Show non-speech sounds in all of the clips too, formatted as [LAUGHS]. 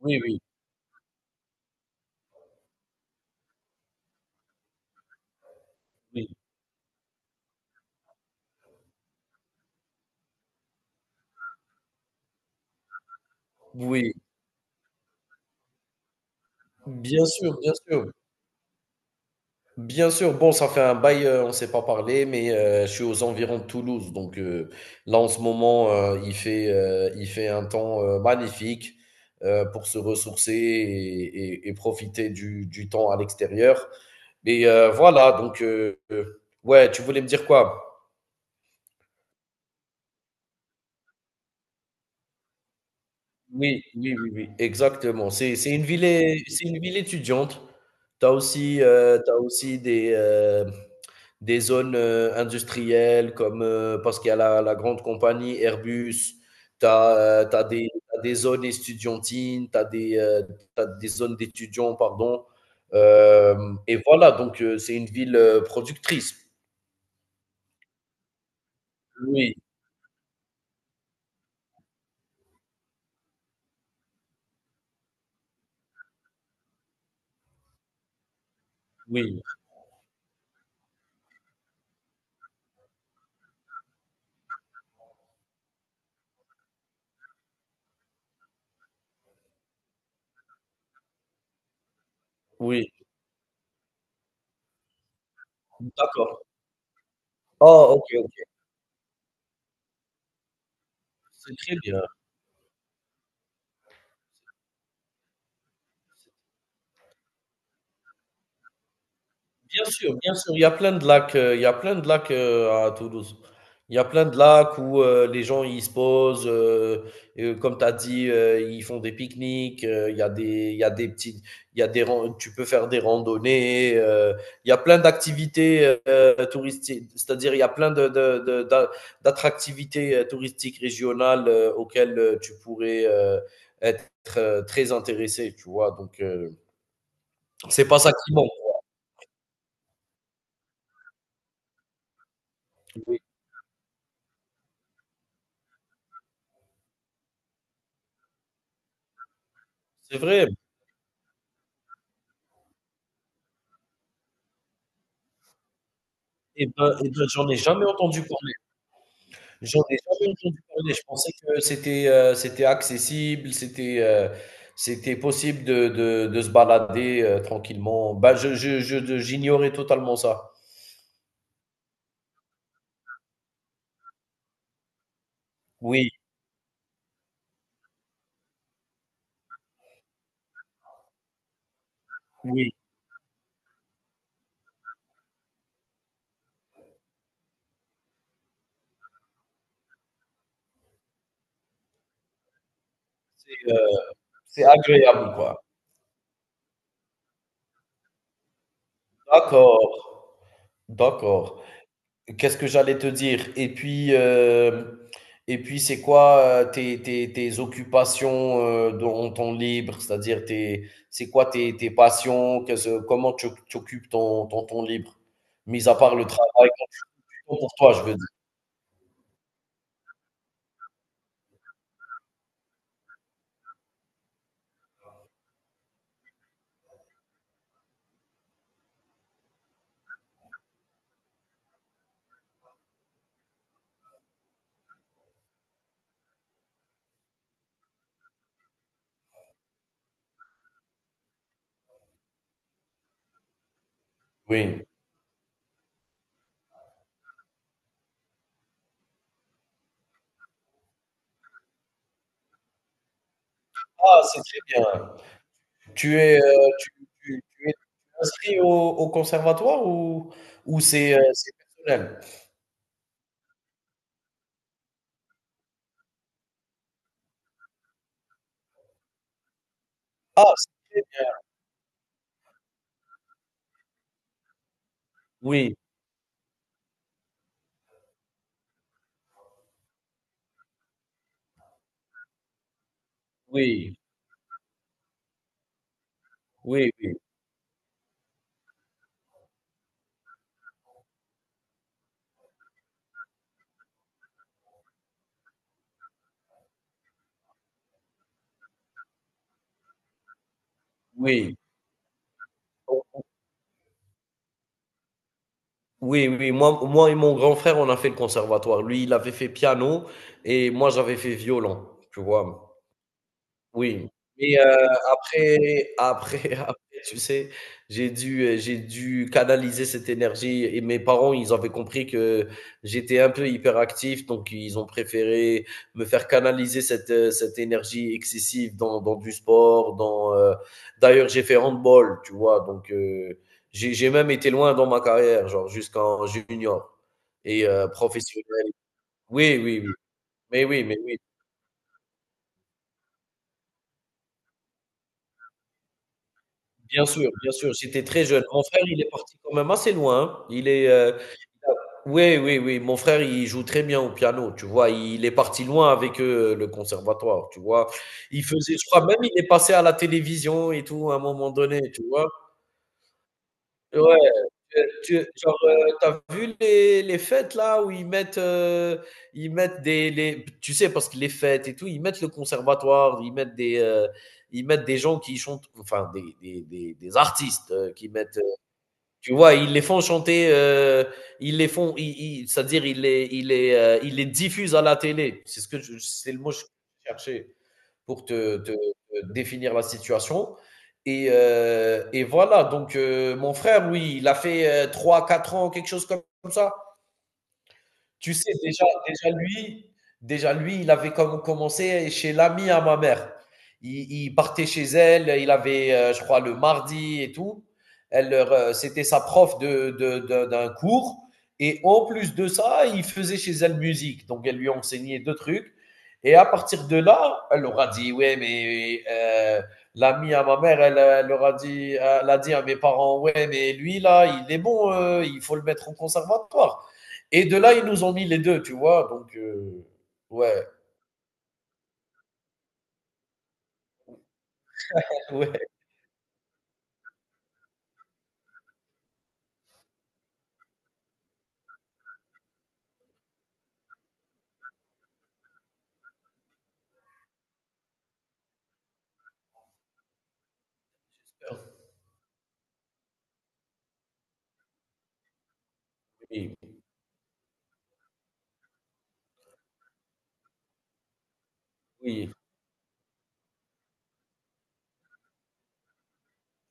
Oui, oui, oui, oui, bien sûr, bien sûr, bien sûr. Bon, ça fait un bail, on ne s'est pas parlé, mais, je suis aux environs de Toulouse, donc, là en ce moment, il fait un temps, magnifique, pour se ressourcer et profiter du temps à l'extérieur. Mais, voilà donc, ouais, tu voulais me dire quoi? Oui, oui, oui, oui, exactement. C'est une ville étudiante. Tu as aussi des zones industrielles comme parce qu'il y a la grande compagnie Airbus, tu as, des, t'as des zones étudiantines, tu as, des t'as des zones d'étudiants, pardon. Euh, et voilà, donc c'est une ville productrice. Oui, oui, oui, d'accord. Oh, ok, ok, c'est très bien. Bien sûr, il y a plein de lacs, il y a plein de lacs, à Toulouse. Il y a plein de lacs où, les gens ils se posent, comme tu as dit, ils font des pique-niques, il y a des petites il y a des ran tu peux faire des randonnées, il y a plein d'activités, touristiques. C'est-à-dire il y a plein de d'a d'attractivités, touristiques régionales, auxquelles, tu pourrais, être, très intéressé, tu vois? Donc c'est pas ça qui manque. Oui, c'est vrai. Eh ben, j'en ai jamais entendu parler. J'en ai jamais entendu parler. Je pensais que c'était, c'était accessible, c'était, c'était possible de se balader, tranquillement. Ben, je j'ignorais totalement ça. Oui, oui, c'est, heu, c'est agréable, quoi. D'accord, d'accord. Qu'est-ce que j'allais te dire? Et puis c'est quoi tes, tes occupations dans ton libre? C'est-à-dire, tes, c'est quoi tes, tes passions? Qu'est-ce- comment tu occupes ton, ton temps libre? Mis à part le travail, pour toi, je veux dire. Oui. Ah, c'est très bien. Tu es, tu es inscrit au, au conservatoire ou c'est personnel? Ah, c'est très bien. Oui, oui, oui, oui, oui. Oui, oui, moi, moi et mon grand frère, on a fait le conservatoire. Lui, il avait fait piano et moi, j'avais fait violon, tu vois. Oui, mais après après [LAUGHS] après, tu sais, j'ai dû canaliser cette énergie et mes parents, ils avaient compris que j'étais un peu hyperactif, donc ils ont préféré me faire canaliser cette, cette énergie excessive dans du sport, dans, d'ailleurs, j'ai fait handball, tu vois? Donc j'ai même été loin dans ma carrière, genre jusqu'en junior et professionnel. Oui, oui, oui. Mais oui, mais oui. Bien sûr, j'étais très jeune. Mon frère, il est parti quand même assez loin, hein. Il est, il a oui, oui, oui, mon frère, il joue très bien au piano, tu vois? Il est parti loin avec, le conservatoire, tu vois? Il faisait je crois même il est passé à la télévision et tout, à un moment donné, tu vois? Ouais, tu genre, tu as vu les fêtes là où ils mettent des les tu sais, parce que les fêtes et tout, ils mettent le conservatoire, ils mettent des gens qui chantent, enfin des des artistes, tu vois, ils les font chanter, ils les font ils ils c'est-à-dire ils les diffusent à la télé. C'est ce que je c'est le mot que je cherchais pour te définir la situation et voilà donc mon frère, lui, il a fait, trois, quatre ans, quelque chose comme ça. Tu sais, déjà, déjà lui, il avait comme commencé chez l'ami à ma mère. Il partait chez elle, il avait, je crois, le mardi et tout. Elle, leur, c'était sa prof de d'un cours. Et en plus de ça, il faisait chez elle musique. Donc, elle lui enseignait deux trucs. Et à partir de là, elle leur a dit, ouais, mais l'ami à ma mère, elle, elle leur a dit, elle a dit à mes parents, ouais, mais lui, là, il est bon, il faut le mettre au conservatoire. Et de là, ils nous ont mis les 2, tu vois? Donc, ouais, ouais, oui, oui,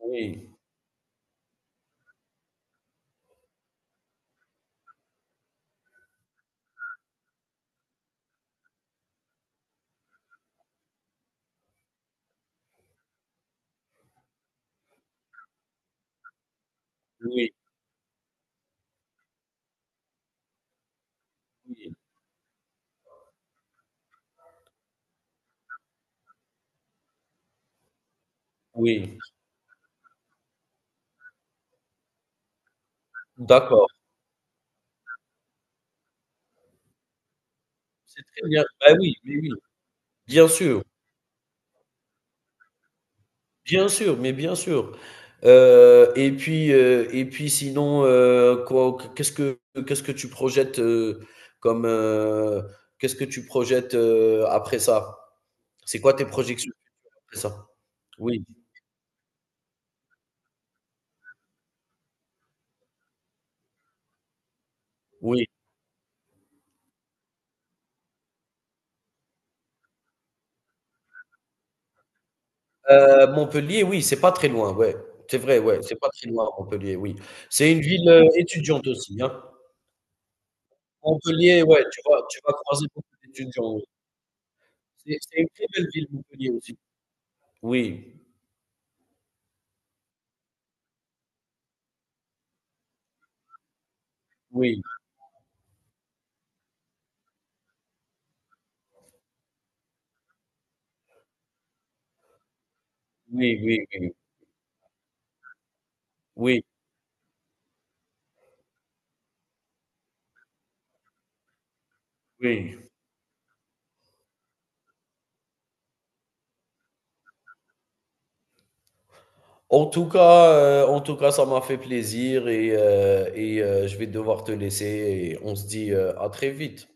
oui, oui, oui, oui, d'accord. C'est très bien. Bah, oui, mais oui, bien sûr, bien sûr, mais bien sûr. Et puis, et puis sinon, qu'est-ce que tu projettes, comme, qu'est-ce que tu projettes, après ça? C'est quoi tes projections après ça? Oui, oui. Montpellier, oui, c'est pas très loin, ouais. C'est vrai, ouais, c'est pas très loin Montpellier, oui. C'est une ville, étudiante aussi, hein. Montpellier, ouais, tu vas croiser beaucoup d'étudiants, oui. C'est une très belle ville Montpellier aussi. Oui, oui, oui, oui, oui, oui, oui. En tout cas, en tout cas, ça m'a fait plaisir et je vais devoir te laisser et on se dit, à très vite.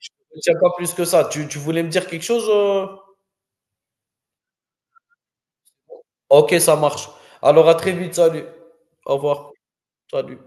Je te retiens pas plus que ça. Tu voulais me dire quelque chose, OK, ça marche. Alors à très vite, salut. Au revoir. Salut.